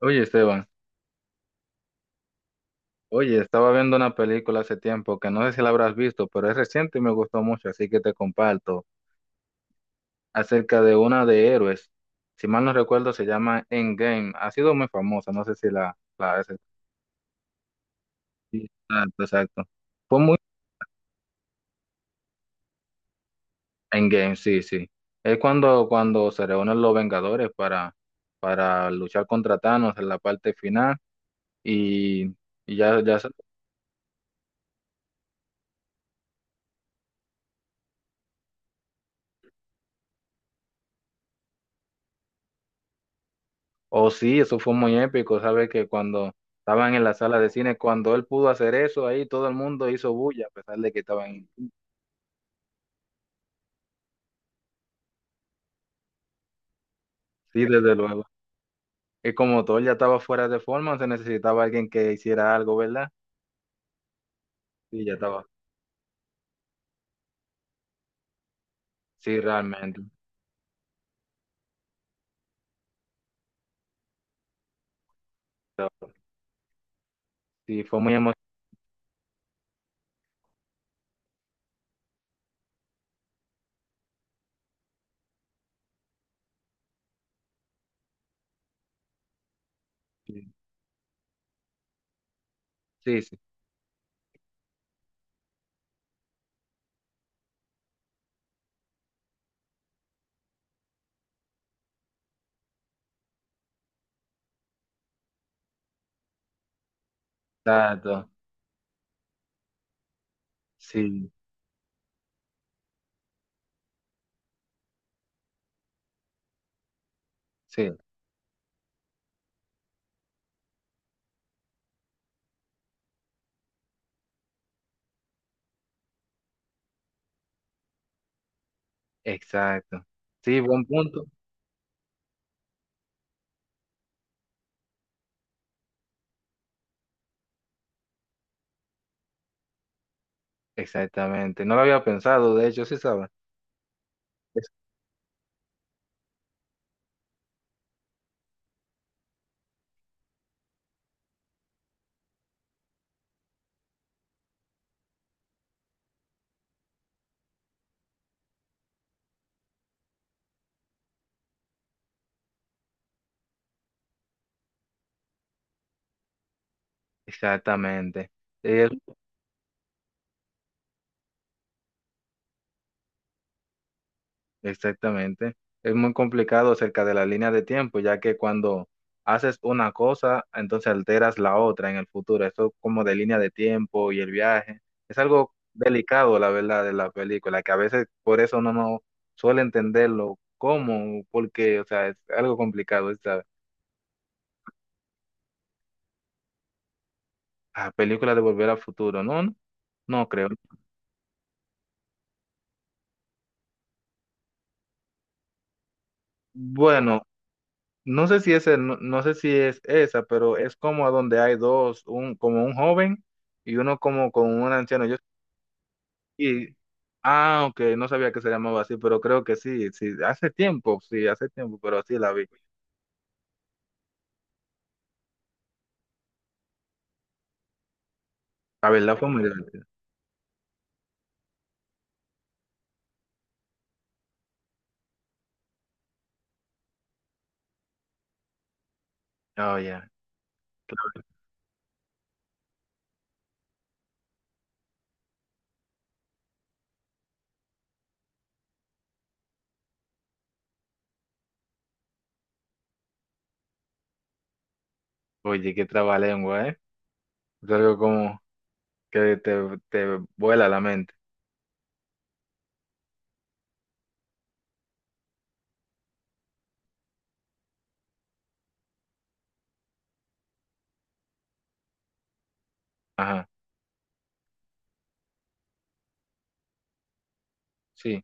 Oye, Esteban, oye, estaba viendo una película hace tiempo que no sé si la habrás visto, pero es reciente y me gustó mucho, así que te comparto acerca de una de héroes. Si mal no recuerdo, se llama Endgame. Ha sido muy famosa, no sé si la has Sí, exacto, exacto. Fue muy Endgame, sí, sí. Es cuando, cuando se reúnen los Vengadores para luchar contra Thanos en la parte final y, y ya, ya. Oh, sí, eso fue muy épico, ¿sabes? Que cuando estaban en la sala de cine, cuando él pudo hacer eso, ahí todo el mundo hizo bulla, a pesar de que estaban en... Sí, desde luego. Y como todo ya estaba fuera de forma, se necesitaba alguien que hiciera algo, ¿verdad? Sí, ya estaba. Sí, realmente. Sí, fue muy emocionante. Sí, sí, exacto. Sí, sí, exacto. Sí, buen punto. Exactamente. No lo había pensado, de hecho, sí, ¿sabes? Es- exactamente. Eh, Exactamente. Es muy complicado acerca de la línea de tiempo, ya que cuando haces una cosa, entonces alteras la otra en el futuro. Eso como de línea de tiempo y el viaje. Es algo delicado, la verdad, de la película, que a veces por eso uno no suele entenderlo cómo, porque, o sea, es algo complicado esta ah, película de Volver al Futuro, ¿no? No, no creo. Bueno. No sé si es el- no, no sé si es esa, pero es como a donde hay dos, un como un joven y uno como con un anciano. Yo y ah, ok, no sabía que se llamaba así, pero creo que sí, sí, hace tiempo, pero sí la vi. La verdad fue muy divertida. Oh, ya. Oye, qué trabalengua, ¿eh? Es algo como que te vuela la mente. Ajá, sí.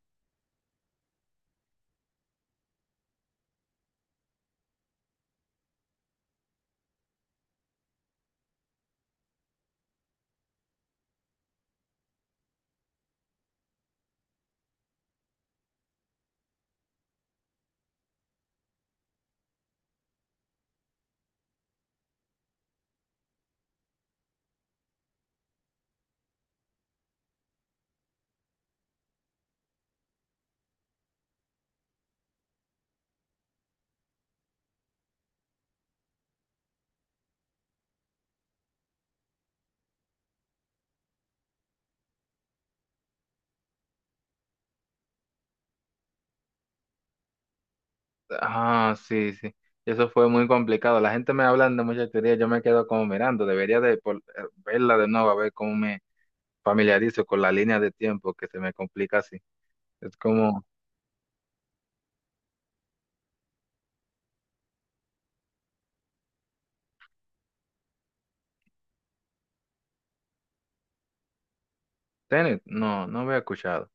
Ah, sí, sí. Eso fue muy complicado. La gente me habla de muchas teorías, yo me quedo como mirando. Debería de por- verla de nuevo a ver cómo me familiarizo con la línea de tiempo que se me complica así. Es como, Tenet, no, no había escuchado.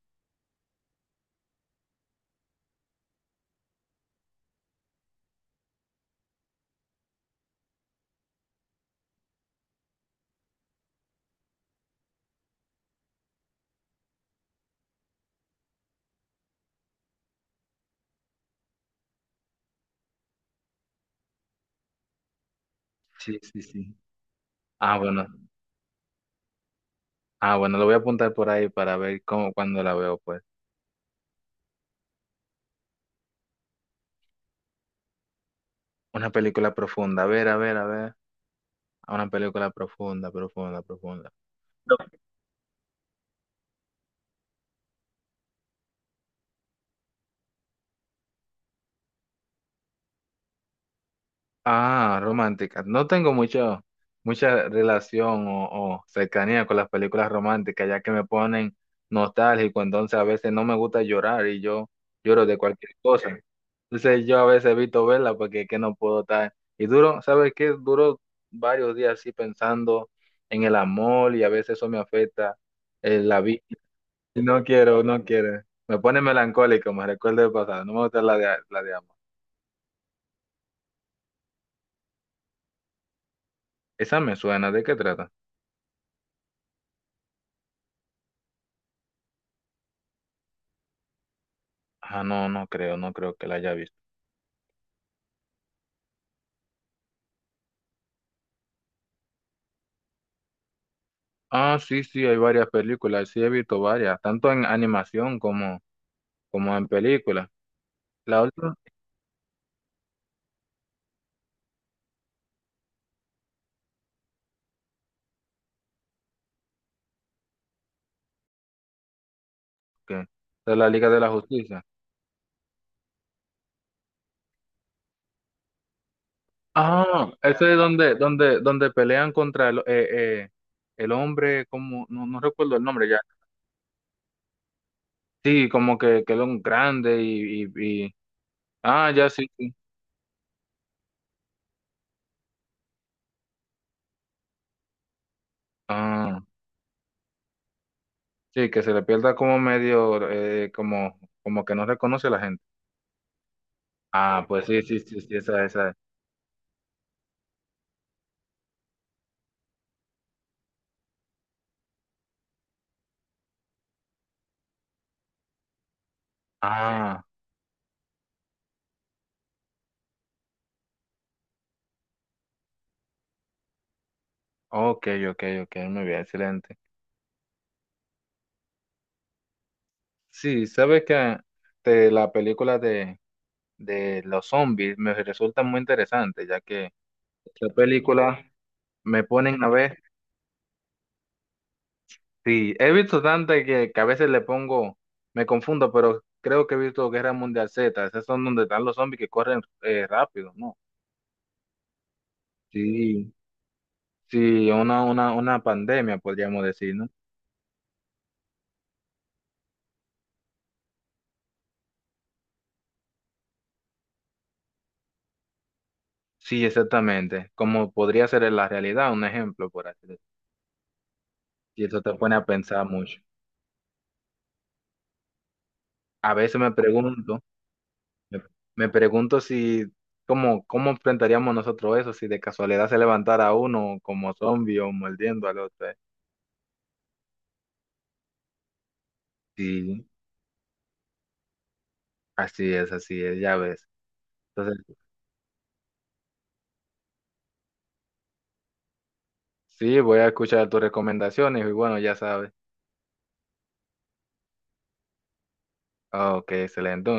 Sí, sí, sí. Ah, bueno, ah, bueno, lo voy a apuntar por ahí para ver cómo, cuando la veo, pues. Una película profunda, a ver, a ver, a ver. Una película profunda, profunda, profunda. Ah, romántica. No tengo mucho, mucha relación o cercanía con las películas románticas, ya que me ponen nostálgico, entonces a veces no me gusta llorar y yo lloro de cualquier cosa. Ok. Entonces yo a veces evito verla porque es que no puedo estar. Y duro, ¿sabes qué? Duro varios días así pensando en el amor y a veces eso me afecta la vida. No quiero, no quiero. Me pone melancólico, me recuerda el pasado. No me gusta la de amor. Esa me suena, ¿de qué trata? Ah, no, no creo, no creo que la haya visto. Ah, sí, sí, hay varias películas, sí he visto varias, tanto en animación como, como en películas. La última, ¿qué? De la Liga de la Justicia. Ah, ese es donde, donde pelean contra el hombre, como, no, no recuerdo el nombre ya. Sí, como que era un grande y- ah, ya sí, sí. Ah, sí, que se le pierda como medio, como, como que no reconoce a la gente. Ah, pues sí, sí, sí, sí, esa, esa. Ah. Ok, ok, ok, muy bien, excelente. Sí, sabes que te- la película de los zombies me resulta muy interesante, ya que esa película me ponen a ver, sí, he visto tantas que a veces le pongo, me confundo, pero creo que he visto Guerra Mundial Z, esas son donde están los zombies que corren rápido, ¿no? Sí, sí, una pandemia, podríamos decir, ¿no? Sí, exactamente, como podría ser en la realidad, un ejemplo, por así decirlo. Y eso te pone a pensar mucho. A veces me pregunto, me, me pregunto si, cómo, cómo enfrentaríamos nosotros eso, si de casualidad se levantara uno como zombie o mordiendo al otro. ¿Eh? Sí, así es, ya ves. Entonces, sí, voy a escuchar tus recomendaciones y bueno, ya sabes. Ah, ok, excelente.